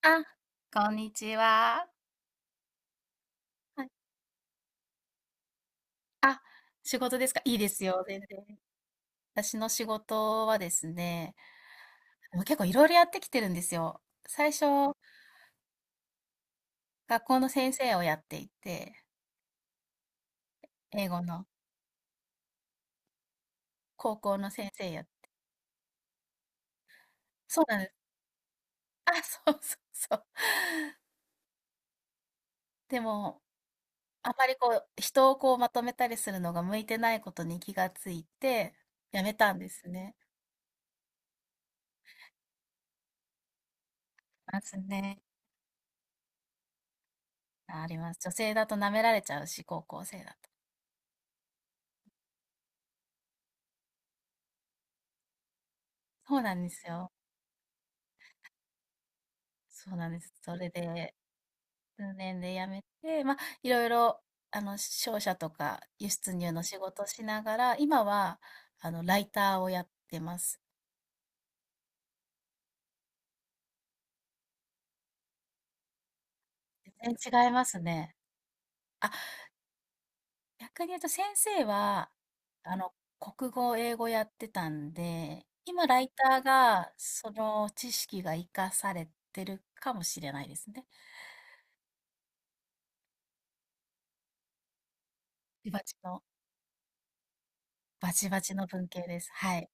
あ、こんにちは。はい。あ、仕事ですか？いいですよ、全然。私の仕事はですね、もう結構いろいろやってきてるんですよ。最初、学校の先生をやっていて、英語の高校の先生や、そうなんです。あ、そうそうそう。でも、あまりこう、人をこうまとめたりするのが向いてないことに気がついて、やめたんですね。ますね。あります。女性だと舐められちゃうし、高校生だと。そうなんですよ。そうなんです。それで、数年で辞めて、まあ、いろいろ、商社とか輸出入の仕事しながら、今は、ライターをやってます。全然違いますね。あ、逆に言うと先生は、あの、国語、英語やってたんで、今、ライターが、その知識が活かされてるかもしれないですね。バチバチの、バチバチの文系です。はい。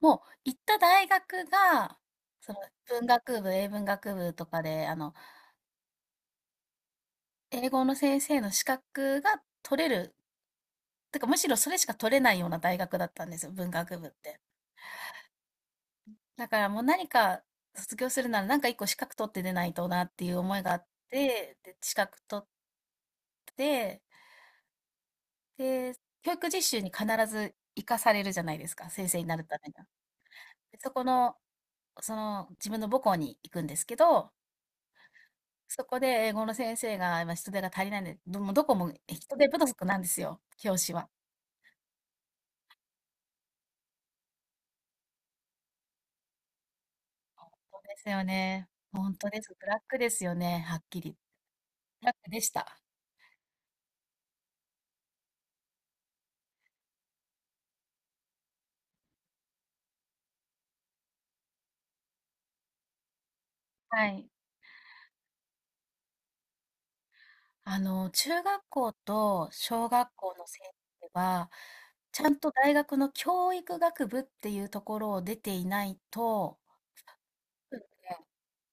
もう行った大学が、その文学部、英文学部とかで、英語の先生の資格が取れる、てかむしろそれしか取れないような大学だったんですよ、文学部って。だからもう何か卒業するなら何か一個資格取って出ないとなっていう思いがあって、で、資格取って、で、教育実習に必ず行かされるじゃないですか、先生になるためには。でそこの、その自分の母校に行くんですけど、そこで英語の先生が、今人手が足りないんで、もうどこも人手不足なんですよ、教師は。そうですよね。ほんとです。ブラックですよね、はっきり。ブラックでした。はい。中学校と小学校の先生は、ちゃんと大学の教育学部っていうところを出ていないと、うん、ね、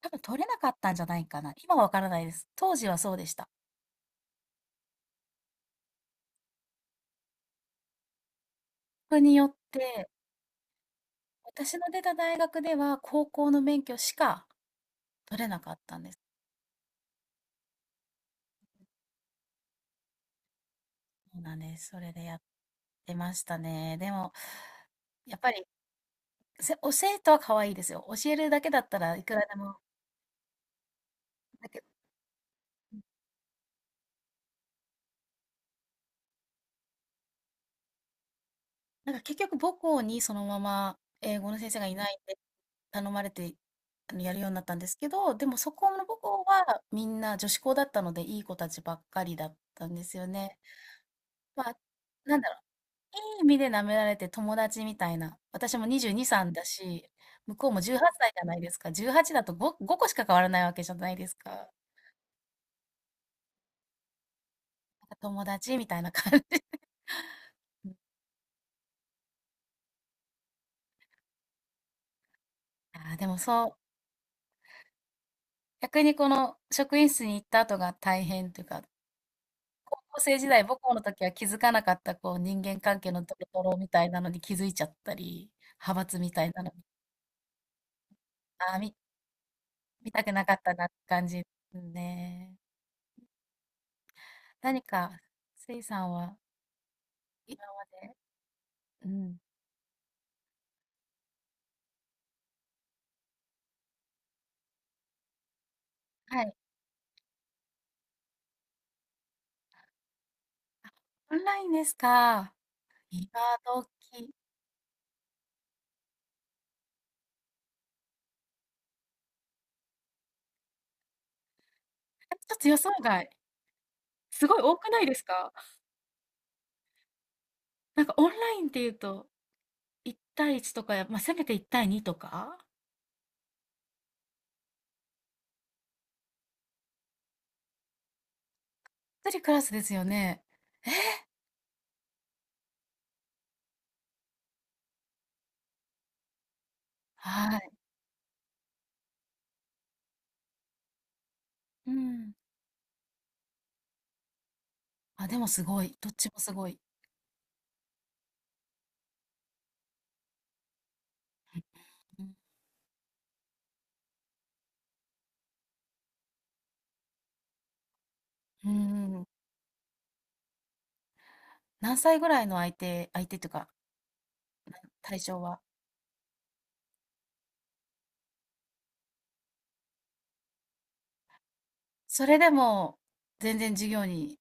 多分取れなかったんじゃないかな。今はわからないです。当時はそうでした。学によって、私の出た大学では高校の免許しか取れなかったんです。そうなんです。それでやってましたね。でも、やっぱり、教えとは可愛いですよ。教えるだけだったらいくらでも。だけど、なんか結局母校にそのまま英語の先生がいないんで頼まれてやるようになったんですけど、でもそこの母校はみんな女子校だったのでいい子たちばっかりだったんですよね。まあ、なんだろう、いい意味で舐められて友達みたいな。私も22、歳だし、向こうも18歳じゃないですか。18だと5個しか変わらないわけじゃないですか。なんか友達みたいな感じ。ああ、でもそう、逆にこの職員室に行った後が大変というか、高校生時代母校の時は気づかなかったこう人間関係のドロドロみたいなのに気づいちゃったり、派閥みたいなのに、ああ、見たくなかったなって感じですね。何か、せいさんは今まで、うん、はい。オンラインですか。今時。え、ちょっと予想外。すごい多くないですか？なんかオンラインっていうと、1対1とか、まあせめて1対2とか一人クラスですよね。はい。うん。あ、でもすごい。どっちもすごい。うん。うん。何歳ぐらいの相手というか、対象は。それでも、全然授業に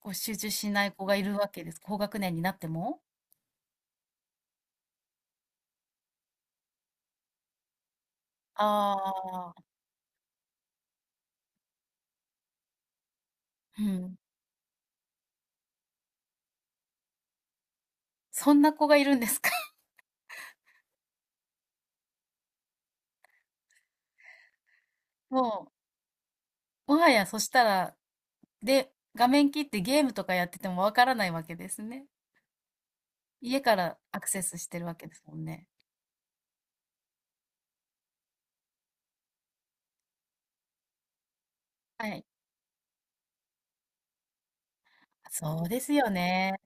こう集中しない子がいるわけです。高学年になっても？ああ、うん。そんな子がいるんですか？もうもはやそしたら、で、画面切ってゲームとかやっててもわからないわけですね。家からアクセスしてるわけですもんね。はい。そうですよね。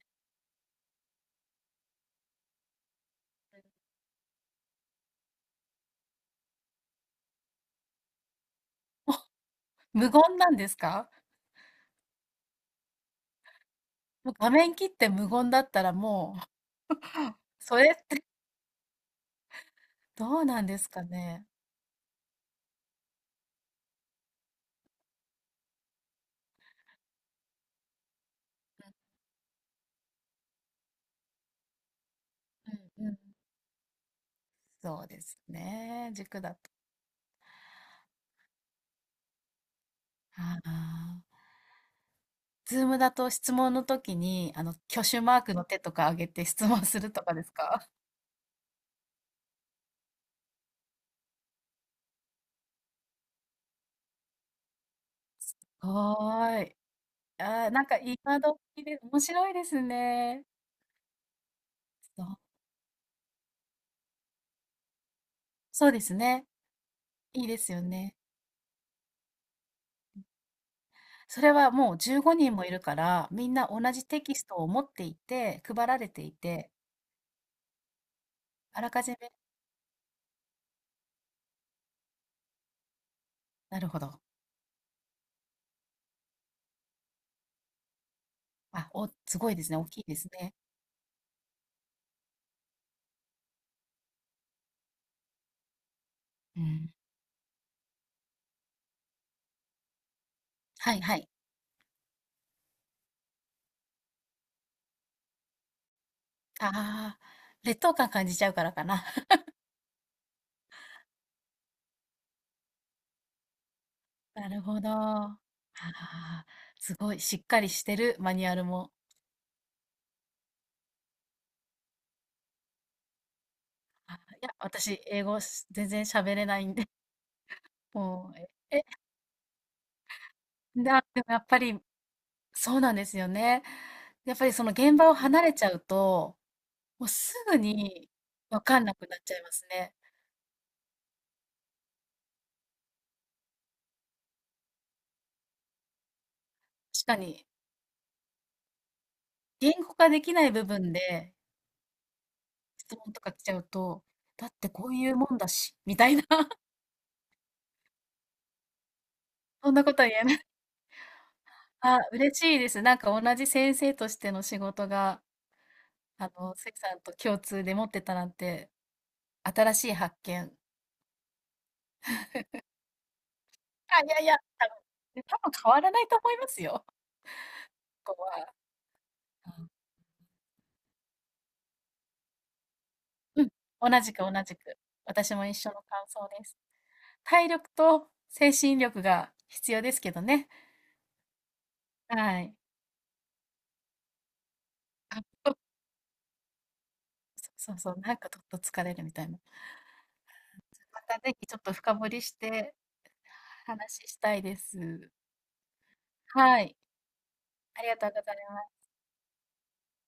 無言なんですか？もう画面切って無言だったらもう、それってどうなんですかね。うんうん。そうですね、塾だと。ああ。Zoom だと質問の時に、挙手マークの手とか挙げて質問するとかですか？はーい。あー、なんか今時で面白いですね。そう、そうですね。いいですよね。それはもう15人もいるから、みんな同じテキストを持っていて、配られていて、あらかじめ、なるほど。あ、お、すごいですね。大きいですね。うん。はいはい。ああ、劣等感感じちゃうからかな。なるほど。ああ、すごい、しっかりしてるマニュアルも。いや、私、英語全然喋れないんで、もう、でもやっぱり、そうなんですよね。やっぱりその現場を離れちゃうと、もうすぐに分かんなくなっちゃいますね。確かに、言語化できない部分で質問とか来ちゃうと、だってこういうもんだし、みたいな、そんなことは言えない。あ、嬉しいです。なんか同じ先生としての仕事が、関さんと共通で持ってたなんて、新しい発見。あ、いやいや、で多分変わらないと思いますよ、ここは。うん、うん、同じく同じく。私も一緒の感想です。体力と精神力が必要ですけどね。はい。そそうそうそう、なんかちょっと疲れるみたいな。またぜひちょっと深掘りして話したいです。はい、ありがとうございます。